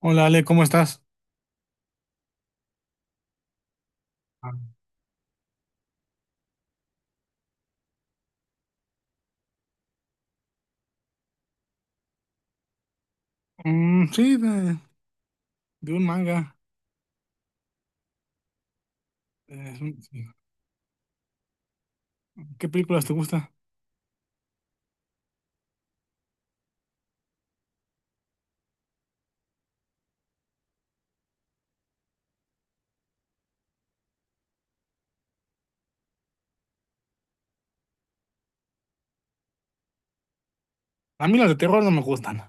Hola Ale, ¿cómo estás? Ah. Mm, sí, de, de un manga. Sí. ¿Qué películas te gustan? A mí las de terror no me gustan,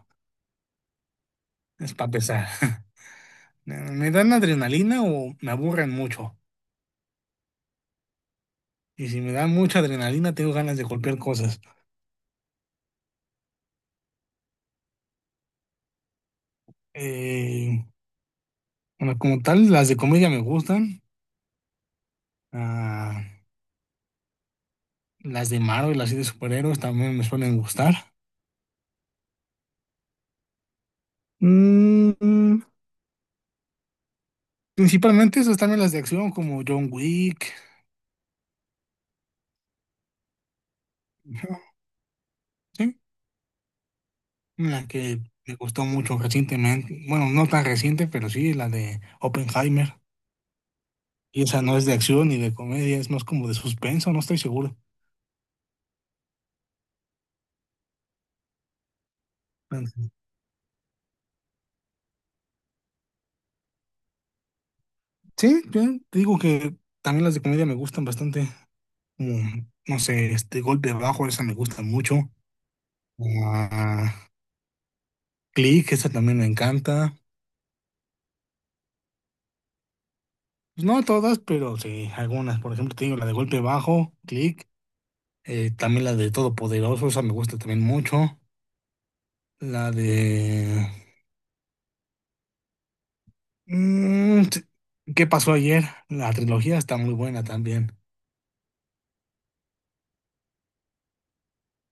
es para pesar. Me dan adrenalina o me aburren mucho. Y si me dan mucha adrenalina, tengo ganas de golpear cosas. Eh, bueno, como tal, las de comedia me gustan. Ah, las de Marvel, las de superhéroes también me suelen gustar. Mm, Principalmente esas también las de acción, como John Wick. La que me gustó mucho recientemente, bueno, no tan reciente, pero sí, la de Oppenheimer. Y esa no es de acción ni de comedia, es más como de suspenso, no estoy seguro. Sí, yo te digo que también las de comedia me gustan bastante. Como, no sé, este Golpe Bajo, esa me gusta mucho. Ah, Click, esa también me encanta. Pues no todas, pero sí, algunas. Por ejemplo, te digo la de Golpe Bajo, Click. También la de Todopoderoso, esa me gusta también mucho. La de Mm, t- ¿Qué pasó ayer? La trilogía está muy buena también.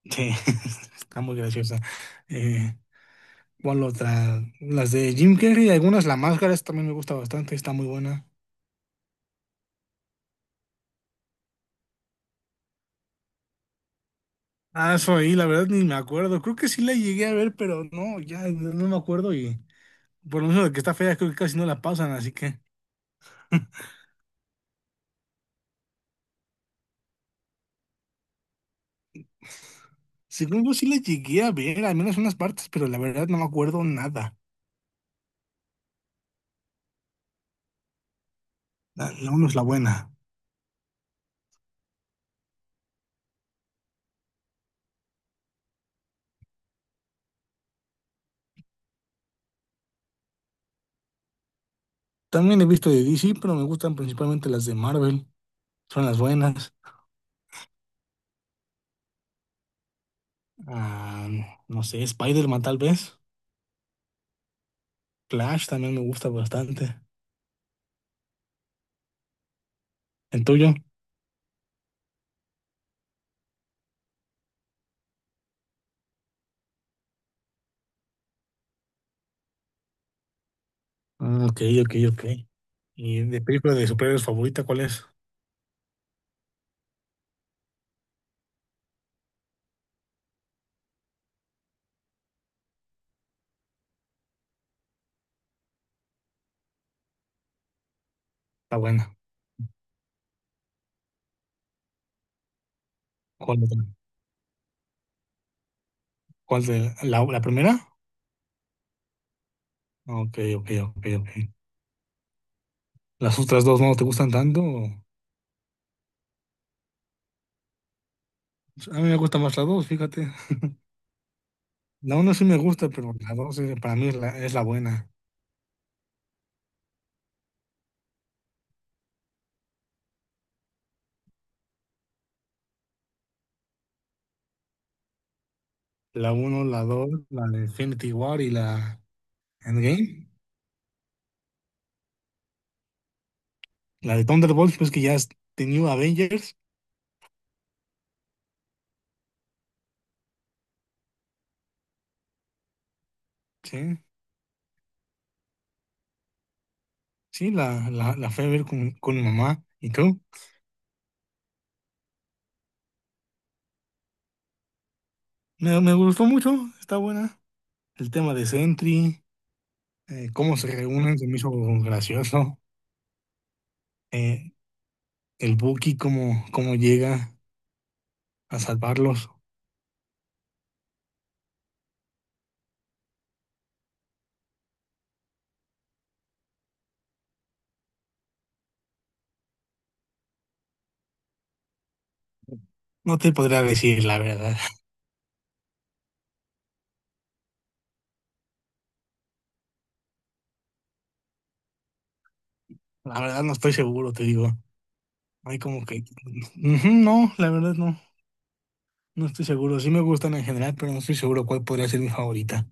Sí, está muy graciosa. Eh, ¿Cuál otra? Las de Jim Carrey, algunas, La Máscara, esa también me gusta bastante, está muy buena. Ah, eso ahí, la verdad ni me acuerdo. Creo que sí la llegué a ver, pero no, ya no me acuerdo y por lo menos de que está fea, creo que casi no la pasan, así que… Según yo sí la llegué a ver, al menos unas partes, pero la verdad no me acuerdo nada. La uno es la buena. También he visto de DC, pero me gustan principalmente las de Marvel. Son las buenas. Ah, no sé, Spider-Man tal vez. Flash también me gusta bastante. ¿El tuyo? Ah, ok, ok, ok. ¿Y de película de superhéroes favorita cuál es? Está buena. ¿Cuál otra? ¿Cuál de la primera? Ok, ok, ok, ok. ¿Las otras dos no te gustan tanto? ¿O? A mí me gusta más la dos, fíjate. La uno sí me gusta, pero la dos para mí es la buena. La uno, la dos, la de Infinity War y la Endgame. La de Thunderbolts, pues que ya es The New Avengers. Sí. Sí, la fui a ver con mi mamá. ¿Y tú? Me gustó mucho, está buena. El tema de Sentry, cómo se reúnen, se me hizo gracioso. Eh, el Buki, cómo llega a salvarlos. No te podría decir la verdad. La verdad no estoy seguro, te digo. Hay como que… Ujú, no, la verdad no. No estoy seguro. Sí me gustan en general, pero no estoy seguro cuál podría ser mi favorita.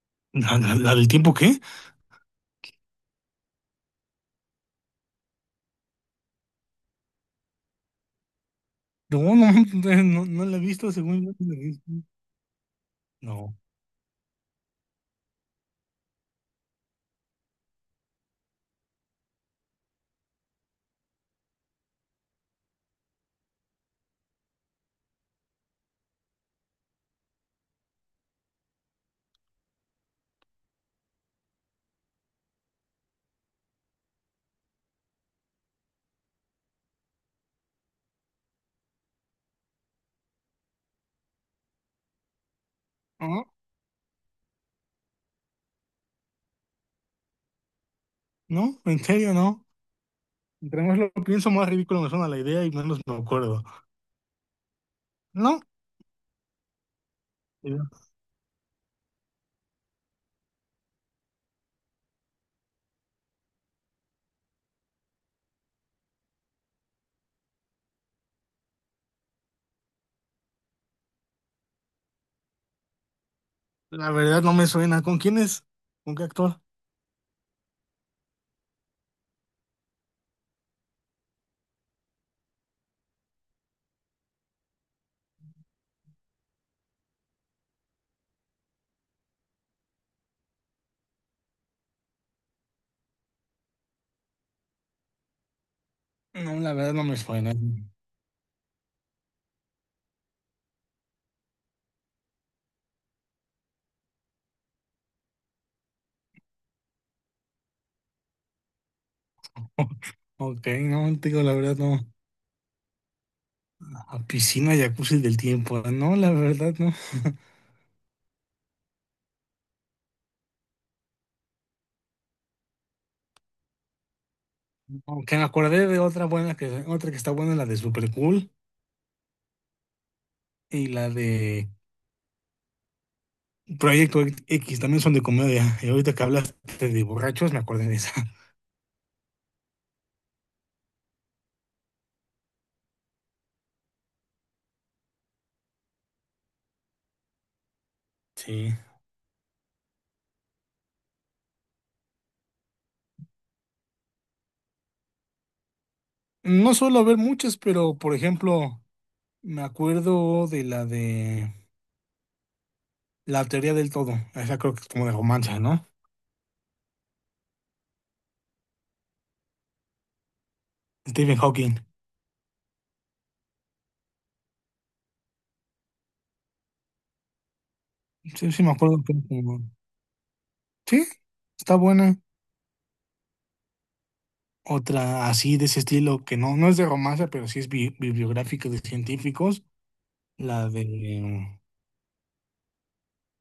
¿La del tiempo qué? No, no, no, no la he visto, según yo no la he visto. No. Ah. No, en serio, no. Entre más lo pienso, más ridículo me suena la idea y menos me acuerdo. No, eh, la verdad no me suena. ¿Con quién es? ¿Con qué actor? No, la verdad no me suena. Ok, no, te digo, la verdad no. A piscina, jacuzzi del tiempo. No, la verdad no. Aunque me acordé de otra buena que, otra que está buena, la de Super Cool y la de Proyecto X, también son de comedia. Y ahorita que hablaste de borrachos, me acordé de esa. Sí. No suelo ver muchas, pero por ejemplo. Me acuerdo de la teoría del todo. Esa creo que es como de romance, ¿no? Stephen Hawking. Sí, sí, me acuerdo que era como… Sí, está buena. Otra así de ese estilo que no, no es de romance, pero sí es bibliográfica de científicos. La de.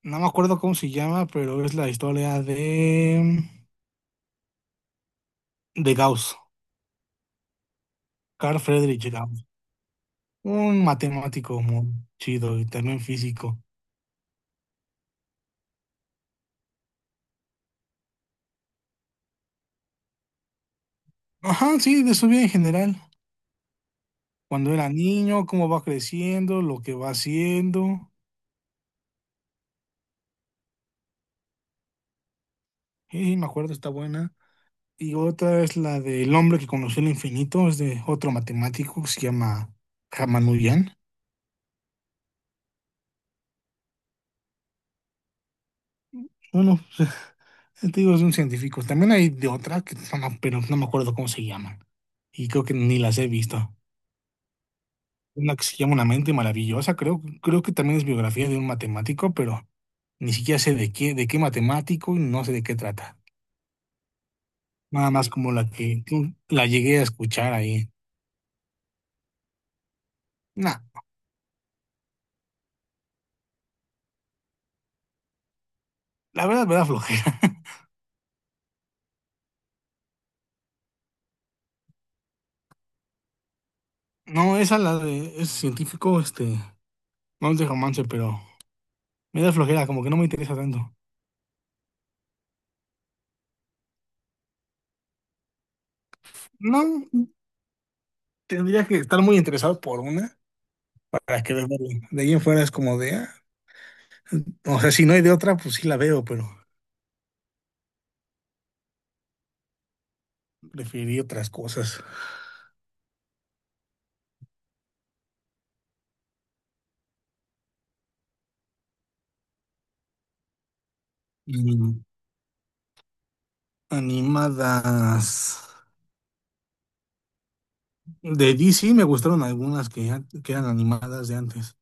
No me acuerdo cómo se llama, pero es la historia de. De Gauss. Carl Friedrich Gauss. Un matemático muy chido y también físico. Ajá, sí, de su vida en general. Cuando era niño, cómo va creciendo, lo que va haciendo. Y me acuerdo, está buena. Y otra es la del hombre que conoció el infinito, es de otro matemático que se llama Ramanujan. Bueno, te digo, es un científico. También hay de otra, que no me- pero no me acuerdo cómo se llaman. Y creo que ni las he visto. Una que se llama Una mente maravillosa, creo, creo que también es biografía de un matemático, pero ni siquiera sé de qué matemático y no sé de qué trata. Nada más como la que la llegué a escuchar ahí. No, la verdad me da flojera. No, esa la de es científico, no es de romance, pero me da flojera, como que no me interesa tanto. No, tendría que estar muy interesado por una para que verla. Bien. De ahí en fuera es como de, ah, o sea, si no hay de otra, pues sí la veo, pero preferiría otras cosas. Mm, Animadas. De DC me gustaron algunas que eran animadas de antes.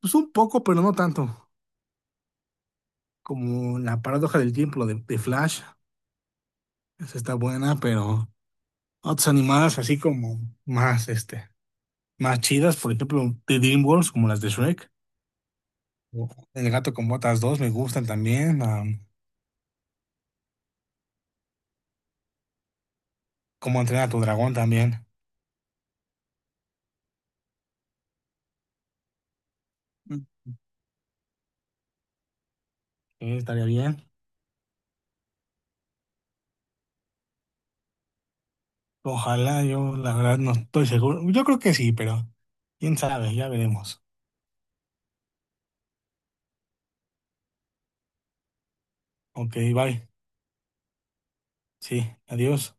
Pues un poco, pero no tanto. Como La paradoja del tiempo, de Flash. Esa está buena, pero otras animadas así como más, este, más chidas, por ejemplo, de DreamWorks, como las de Shrek. O El gato con botas dos me gustan también. Como Cómo entrenar a tu dragón también. Mm. Estaría bien. Ojalá, yo la verdad no estoy seguro. Yo creo que sí, pero quién sabe, ya veremos. Ok, bye. Sí, adiós.